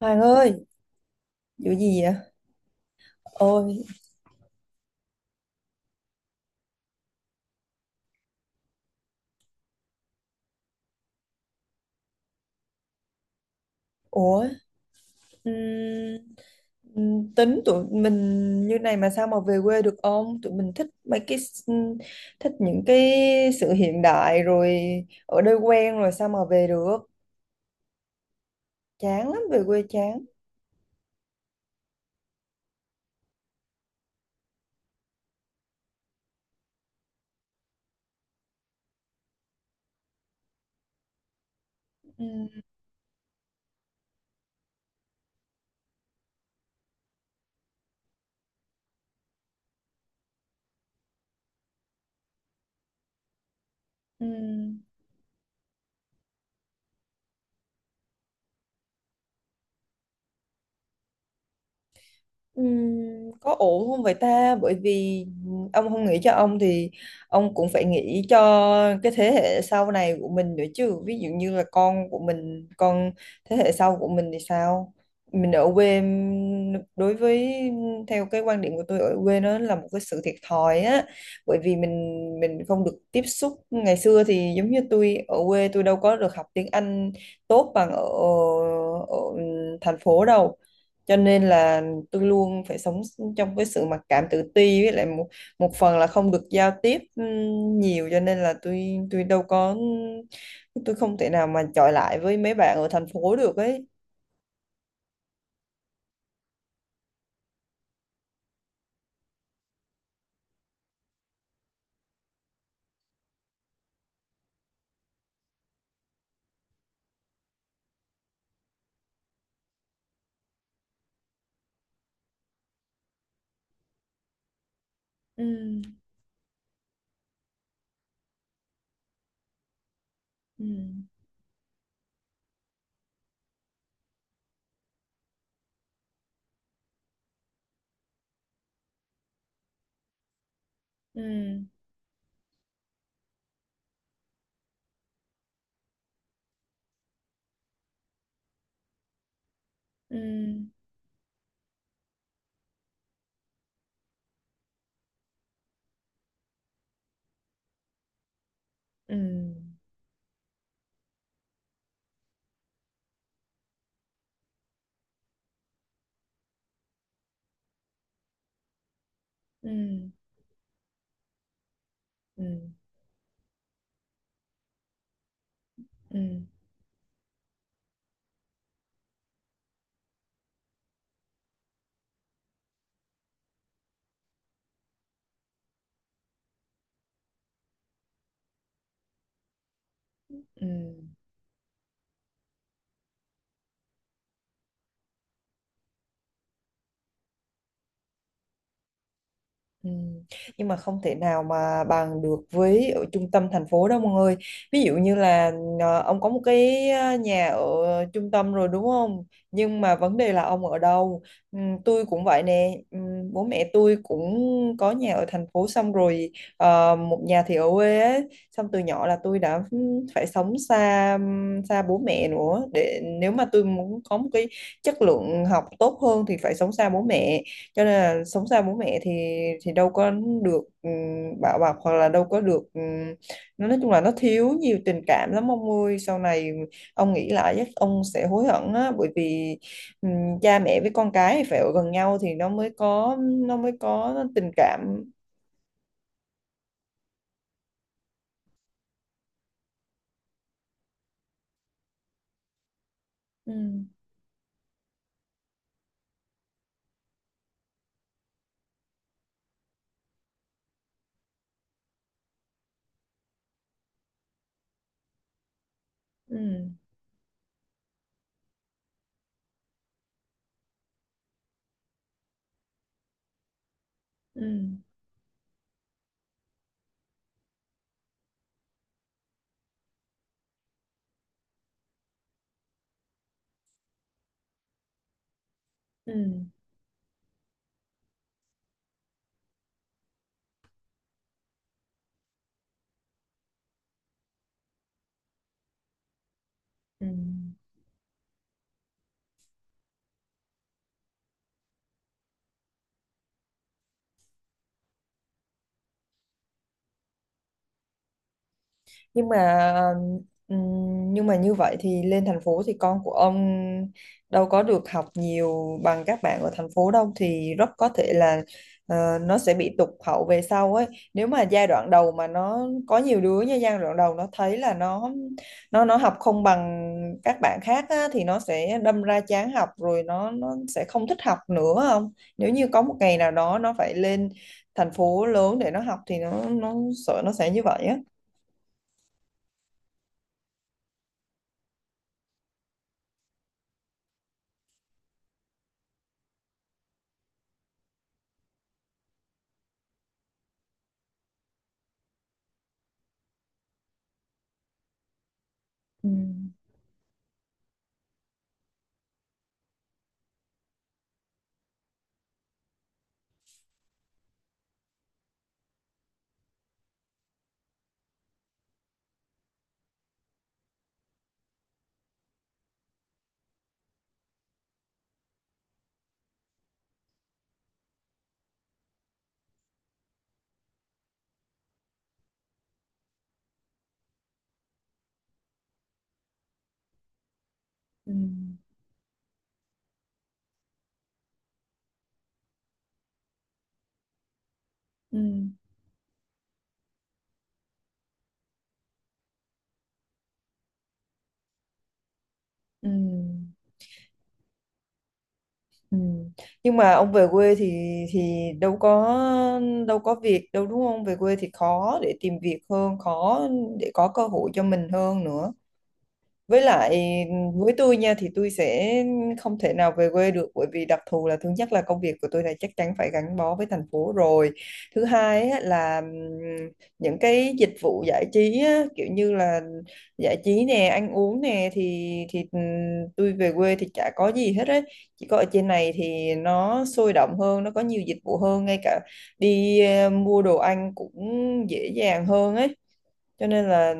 Hoàng ơi, vụ gì vậy? Ôi, ủa, ừm, tính tụi mình như này mà sao mà về quê được ông? Tụi mình thích thích những cái sự hiện đại rồi ở đây quen rồi sao mà về được? Chán lắm, về quê chán. Ừm, ừm. Có ổn không vậy ta? Bởi vì ông không nghĩ cho ông thì ông cũng phải nghĩ cho cái thế hệ sau này của mình nữa chứ. Ví dụ như là con của mình, con thế hệ sau của mình thì sao? Mình ở quê đối với theo cái quan điểm của tôi ở quê nó là một cái sự thiệt thòi á. Bởi vì mình không được tiếp xúc ngày xưa thì giống như tôi ở quê tôi đâu có được học tiếng Anh tốt bằng ở ở thành phố đâu, cho nên là tôi luôn phải sống trong cái sự mặc cảm tự ti, với lại một một phần là không được giao tiếp nhiều cho nên là tôi đâu có, ừ, tôi không thể nào mà chọi lại với mấy bạn ở thành phố được ấy. Ừ, ừ, ừ, ừ, ừ, ừ, ừ, ừ, ừ. Ừ. Nhưng mà không thể nào mà bằng được với ở trung tâm thành phố đâu mọi người. Ví dụ như là ông có một cái nhà ở trung tâm rồi đúng không? Nhưng mà vấn đề là ông ở đâu? Ừ, tôi cũng vậy nè. Ừ, bố mẹ tôi cũng có nhà ở thành phố xong rồi một nhà thì ở quê ấy. Xong từ nhỏ là tôi đã phải sống xa xa bố mẹ nữa, để nếu mà tôi muốn có một cái chất lượng học tốt hơn thì phải sống xa bố mẹ, cho nên là sống xa bố mẹ thì đâu có được bảo bọc, hoặc là đâu có được nó nói chung là nó thiếu nhiều tình cảm lắm ông ơi. Sau này ông nghĩ lại chắc ông sẽ hối hận á, bởi vì cha mẹ với con cái thì phải ở gần nhau thì nó mới có tình cảm. Ừm, ừm, ừm, ừm, ừm. Nhưng mà như vậy thì lên thành phố thì con của ông đâu có được học nhiều bằng các bạn ở thành phố đâu, thì rất có thể là nó sẽ bị tụt hậu về sau ấy. Nếu mà giai đoạn đầu mà nó có nhiều đứa, như giai đoạn đầu nó thấy là nó học không bằng các bạn khác á, thì nó sẽ đâm ra chán học rồi nó sẽ không thích học nữa. Không, nếu như có một ngày nào đó nó phải lên thành phố lớn để nó học thì nó sợ nó sẽ như vậy á. Ừ. Ừ, ừ, ừ, ừ. Nhưng mà ông về quê thì thì đâu có đâu có việc đâu đúng không? Về quê thì khó để tìm việc hơn, khó để có cơ hội cho mình hơn nữa. Với lại với tôi nha thì tôi sẽ không thể nào về quê được, bởi vì đặc thù là thứ nhất là công việc của tôi này chắc chắn phải gắn bó với thành phố rồi. Thứ hai á, là những cái dịch vụ giải trí á, kiểu như là giải trí nè, ăn uống nè, thì tôi về quê thì chả có gì hết ấy. Chỉ có ở trên này thì nó sôi động hơn, nó có nhiều dịch vụ hơn, ngay cả đi mua đồ ăn cũng dễ dàng hơn ấy. Cho nên là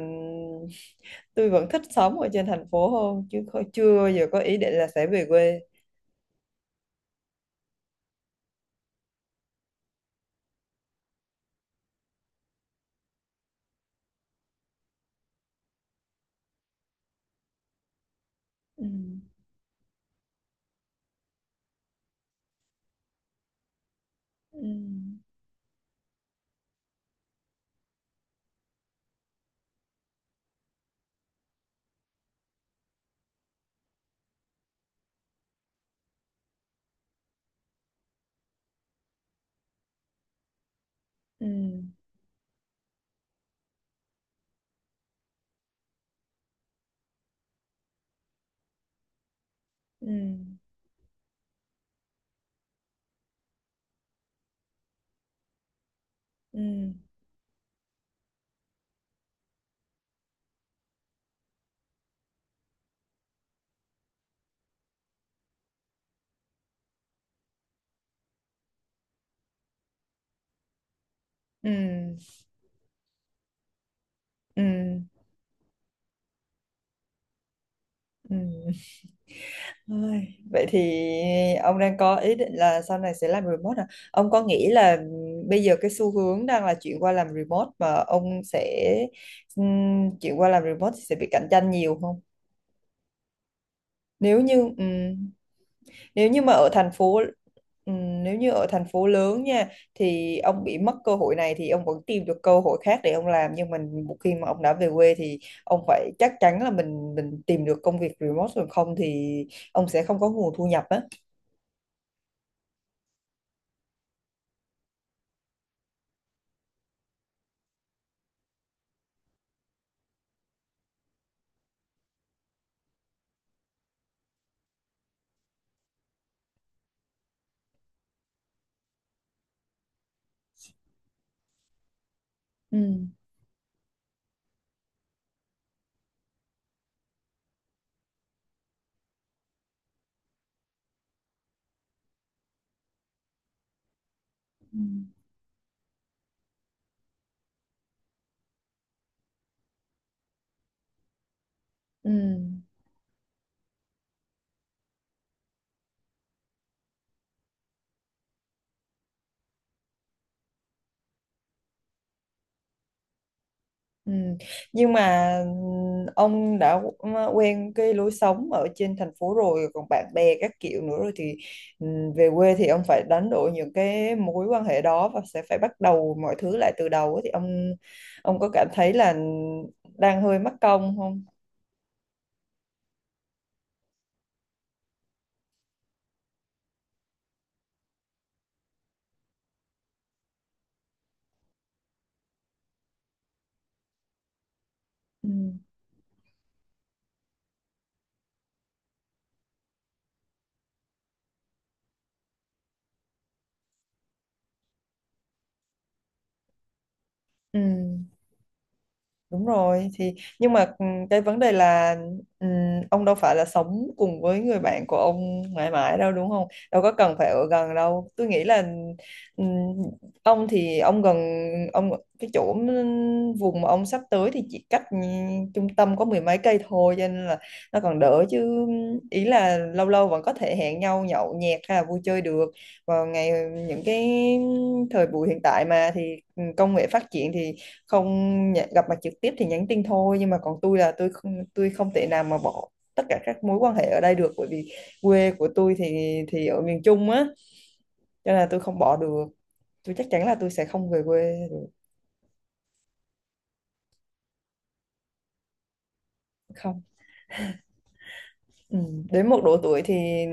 tôi vẫn thích sống ở trên thành phố hơn chứ không, chưa bao giờ có ý định là sẽ về quê. Ừ, ừ, ừ, ừ, ừ, ừ, ừ, ừ. Ôi, vậy thì ông đang có ý định là sau này sẽ làm remote à? Ông có nghĩ là bây giờ cái xu hướng đang là chuyển qua làm remote, mà ông sẽ chuyển qua làm remote thì sẽ bị cạnh tranh nhiều không? Nếu như ừ, nếu như mà ở thành phố, nếu như ở thành phố lớn nha, thì ông bị mất cơ hội này thì ông vẫn tìm được cơ hội khác để ông làm, nhưng mình một khi mà ông đã về quê thì ông phải chắc chắn là mình tìm được công việc remote rồi, không thì ông sẽ không có nguồn thu nhập á. Ừ. Ừ. Ừ. Ừ. Nhưng mà ừ, ông đã ừ, quen cái lối sống ở trên thành phố rồi, còn bạn bè các kiểu nữa, rồi thì ừ, về quê thì ông phải đánh đổi những cái mối quan hệ đó và sẽ phải bắt đầu mọi thứ lại từ đầu ấy. Thì ông có cảm thấy là đang hơi mất công không? Ừ. Ừ. Đúng rồi thì nhưng mà ừ, cái vấn đề là ừ, ông đâu phải là sống cùng với người bạn của ông mãi mãi đâu đúng không? Đâu có cần phải ở gần đâu. Tôi nghĩ là ừ, ông thì ông gần, ông cái chỗ vùng mà ông sắp tới thì chỉ cách ừ, trung tâm có mười mấy cây thôi, cho nên là nó còn đỡ chứ, ý là lâu lâu vẫn có thể hẹn nhau nhậu nhẹt hay là vui chơi được. Vào ngày những cái thời buổi hiện tại mà thì ừ, công nghệ phát triển thì không gặp mặt trực tiếp thì nhắn tin thôi. Nhưng mà còn tôi là tôi không thể nào mà bỏ tất cả các mối quan hệ ở đây được, bởi vì quê của tôi thì ở miền Trung á, cho nên là tôi không bỏ được, tôi chắc chắn là tôi sẽ không về quê được. Không, ừ. Đến một độ tuổi thì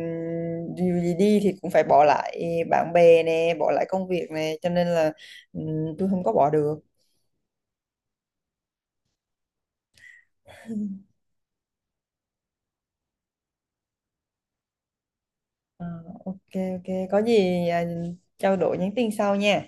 dù gì đi thì cũng phải bỏ lại bạn bè nè, bỏ lại công việc nè, cho nên là ừ, tôi không có bỏ được. Ờ, ok, ok, có gì à, trao đổi nhắn tin sau nha.